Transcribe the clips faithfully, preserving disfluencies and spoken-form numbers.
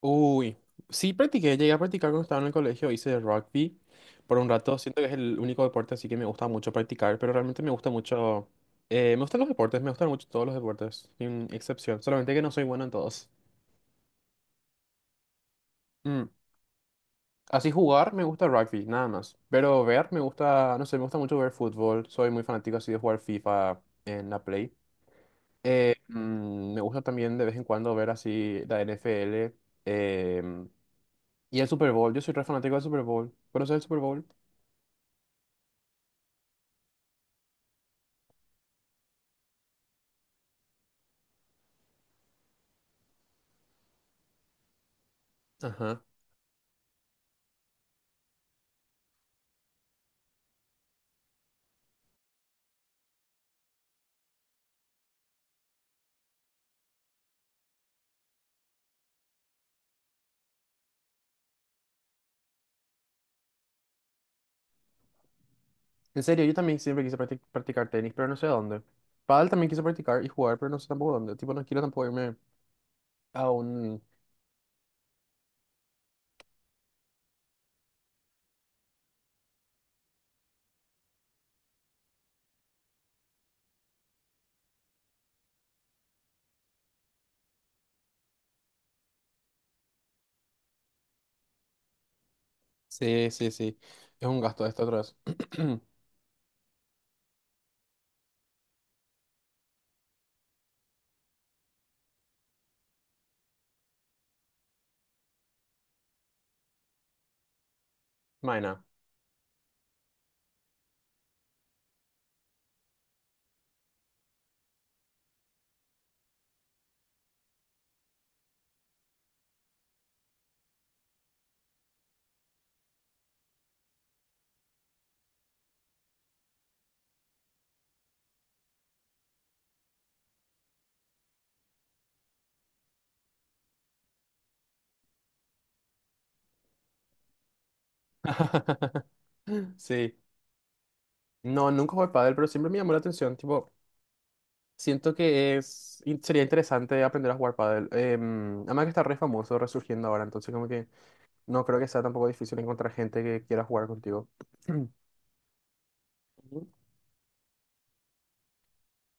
Uy, sí practiqué, llegué a practicar cuando estaba en el colegio, hice rugby por un rato, siento que es el único deporte así que me gusta mucho practicar, pero realmente me gusta mucho, eh, me gustan los deportes, me gustan mucho todos los deportes, sin excepción, solamente que no soy bueno en todos. Mm, Así jugar me gusta rugby, nada más, pero ver me gusta, no sé, me gusta mucho ver fútbol, soy muy fanático así de jugar FIFA en la Play. Eh, mm, me gusta también de vez en cuando ver así la N F L. em, y el Super Bowl, yo soy re fanático del Super Bowl. ¿Conoces el Super Bowl? Ajá. En serio, yo también siempre quise practic- practicar tenis, pero no sé dónde. Pádel también quise practicar y jugar, pero no sé tampoco dónde. Tipo, no quiero tampoco irme a un... Sí, sí, sí. Es un gasto esto otra vez. Maena. Sí. No, nunca jugué pádel, pero siempre me llamó la atención. Tipo, siento que es... in- sería interesante aprender a jugar pádel. Em, además que está re famoso, resurgiendo ahora. Entonces, como que no creo que sea tampoco difícil encontrar gente que quiera jugar contigo.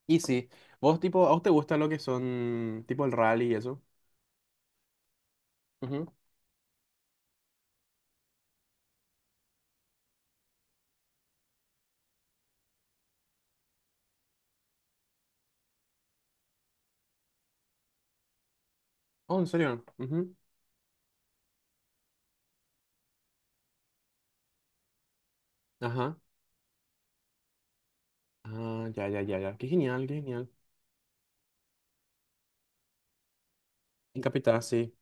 Y sí, vos tipo, ¿a vos te gusta lo que son tipo el rally y eso? Ujú. Oh, ¿en serio? Ujú. Ajá. Ah, ya, ya, ya, ya. Qué genial, qué genial. En Capital, sí.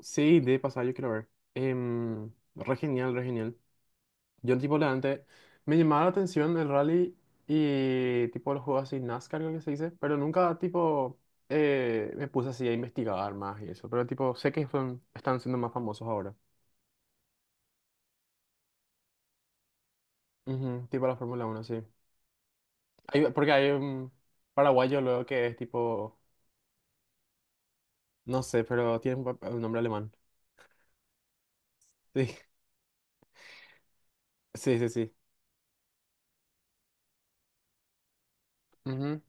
Sí, de pasar, yo quiero ver. Em, re genial, re genial. Yo tipo la antes me llamaba la atención el rally y tipo los juegos así NASCAR, creo que se dice, pero nunca tipo eh, me puse así a investigar más y eso, pero tipo sé que son, están siendo más famosos ahora. Ujú. Tipo la Fórmula Uno, sí. Hay- porque hay un paraguayo luego que es tipo, no sé, pero tiene un, pa- un nombre alemán. Sí, sí, sí, sí. Ujú.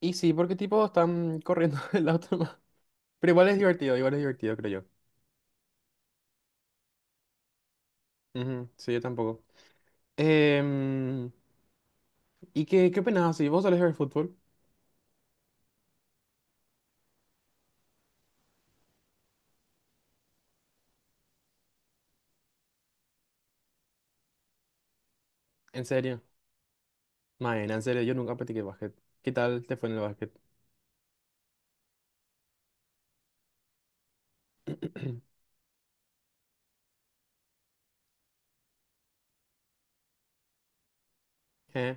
Y sí, porque tipo están corriendo el auto nomás. Pero igual es divertido, igual es divertido, creo yo. Ujú. Sí, yo tampoco. Em, ¿Y qué, qué opinás si vos solés ver fútbol? ¿En serio? Maena, en serio, yo nunca practiqué básquet. ¿Qué tal te fue en el básquet? Eh,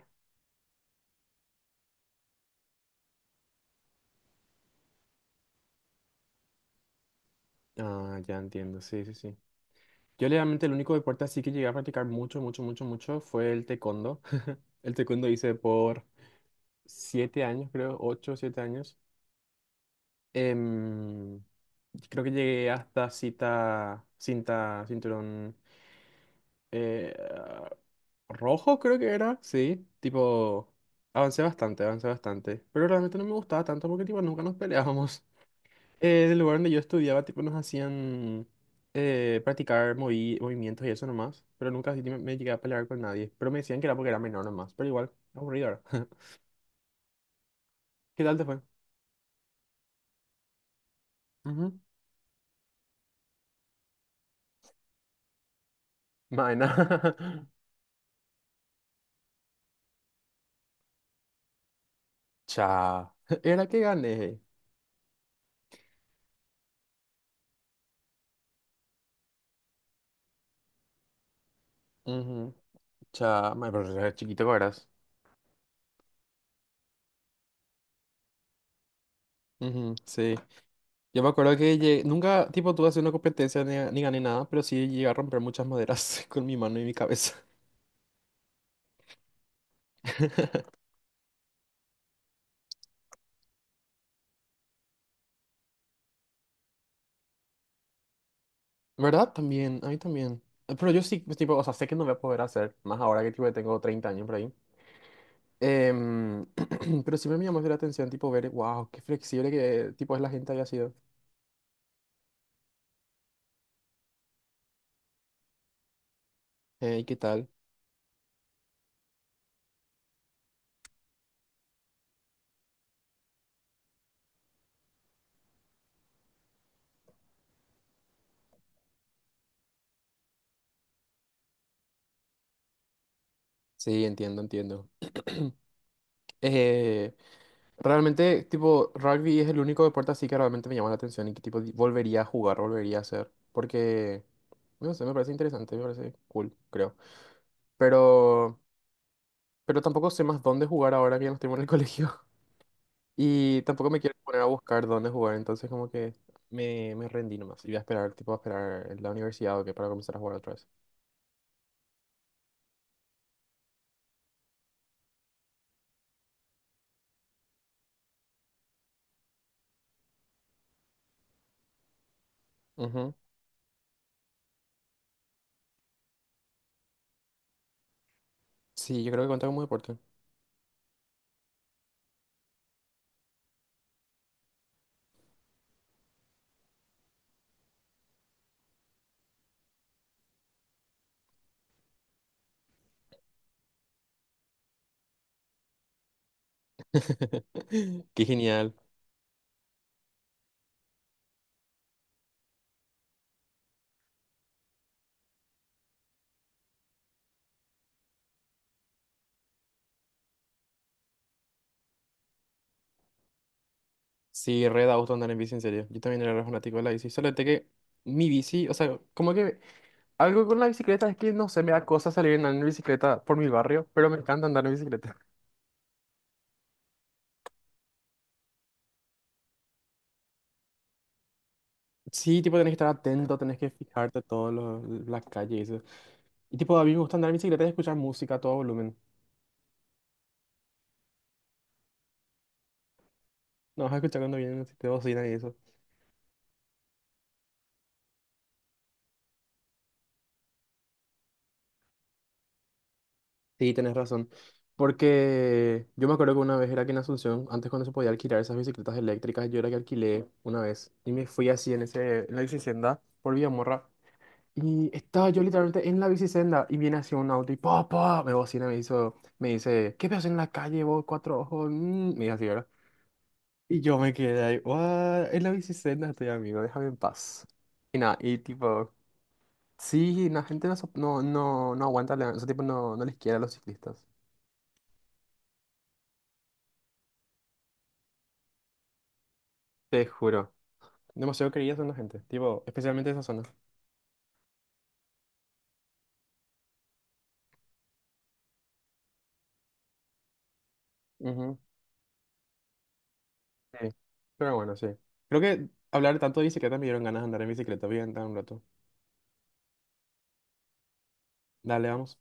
Ah, ya entiendo, sí, sí, sí. Yo realmente el único deporte así que llegué a practicar mucho, mucho, mucho, mucho fue el taekwondo. El taekwondo hice por siete años, creo, ocho, siete años. Em, Creo que llegué hasta cita, cinta, cinturón eh, rojo, creo que era, sí. Tipo, avancé bastante, avancé bastante. Pero realmente no me gustaba tanto porque tipo nunca nos peleábamos. Eh, en el lugar donde yo estudiaba, tipo, nos hacían eh, practicar movi- movimientos y eso nomás, pero nunca así me, me llegué a pelear con nadie. Pero me decían que era porque era menor nomás, pero igual, aburrido era. ¿Qué tal te fue? Ujú. Maena. Cha. Era que gané. Ujú. Cha, mae, pero era chiquito que eras. Ujú, sí. Yo me acuerdo que llegué- nunca, tipo, tuve así una competencia ni, ni gané nada, pero sí llegué a romper muchas maderas con mi mano y mi cabeza. ¿Verdad? También, a mí también. Eh, Pero yo sí, pues, tipo, o sea, sé que no voy a poder hacer, más ahora que tipo, tengo treinta años por ahí. Em, pero sí me llamó la atención, tipo, ver, wow, qué flexible que tipo es la gente había sido. ¿Y qué tal? Sí, entiendo, entiendo. Eh, Realmente, tipo, rugby es el único deporte así que realmente me llama la atención y que tipo di- volvería a jugar, volvería a hacer. Porque, no sé, me parece interesante, me parece cool, creo. Pero, pero tampoco sé más dónde jugar ahora que ya no estoy en el colegio. Y tampoco me quiero poner a buscar dónde jugar, entonces como que me, me rendí nomás. Y voy a esperar, tipo, a esperar en la universidad o que para comenzar a jugar otra vez. Ujú. Sí, yo creo que cuenta como deporte. Qué genial. Sí, re da gusto andar en bici, en serio. Yo también era re fanático de la bici. Solo que mi bici, o sea, como que algo con la bicicleta es que no sé, me da cosa salir en en bicicleta por mi barrio, pero me encanta andar en bicicleta. Sí, tipo, tenés que estar atento, tenés que fijarte todas las calles y eso. Y tipo, a mí me gusta andar en bicicleta y escuchar música a todo volumen. No vas a escuchar cuando vienen así de bocina y eso. Sí, tenés razón. Porque yo me acuerdo que una vez era que en Asunción, antes cuando se podía alquilar esas bicicletas eléctricas, yo era que alquilé una vez. Y me fui así en ese, en la bicicenda por Villamorra. Y estaba yo literalmente en la bicicenda y viene así un auto y papá, me bocina, me hizo, me dice: ¿qué ves en la calle vos, cuatro ojos? Mm, me dice así, ¿verdad? Y yo me quedé ahí: ¿What? En la bicicenda estoy, amigo, déjame en paz. Y nada, y tipo... Sí, la gente no, sop- no, no, no aguanta, la- ese tipo no, no les quiere a los ciclistas. Te juro. Demasiado queridas son la gente, tipo, especialmente esa zona. Ujú. Sí. Pero bueno, sí. Creo que hablar tanto de bicicleta me dieron ganas de andar en bicicleta. Voy a andar un rato. Dale, vamos.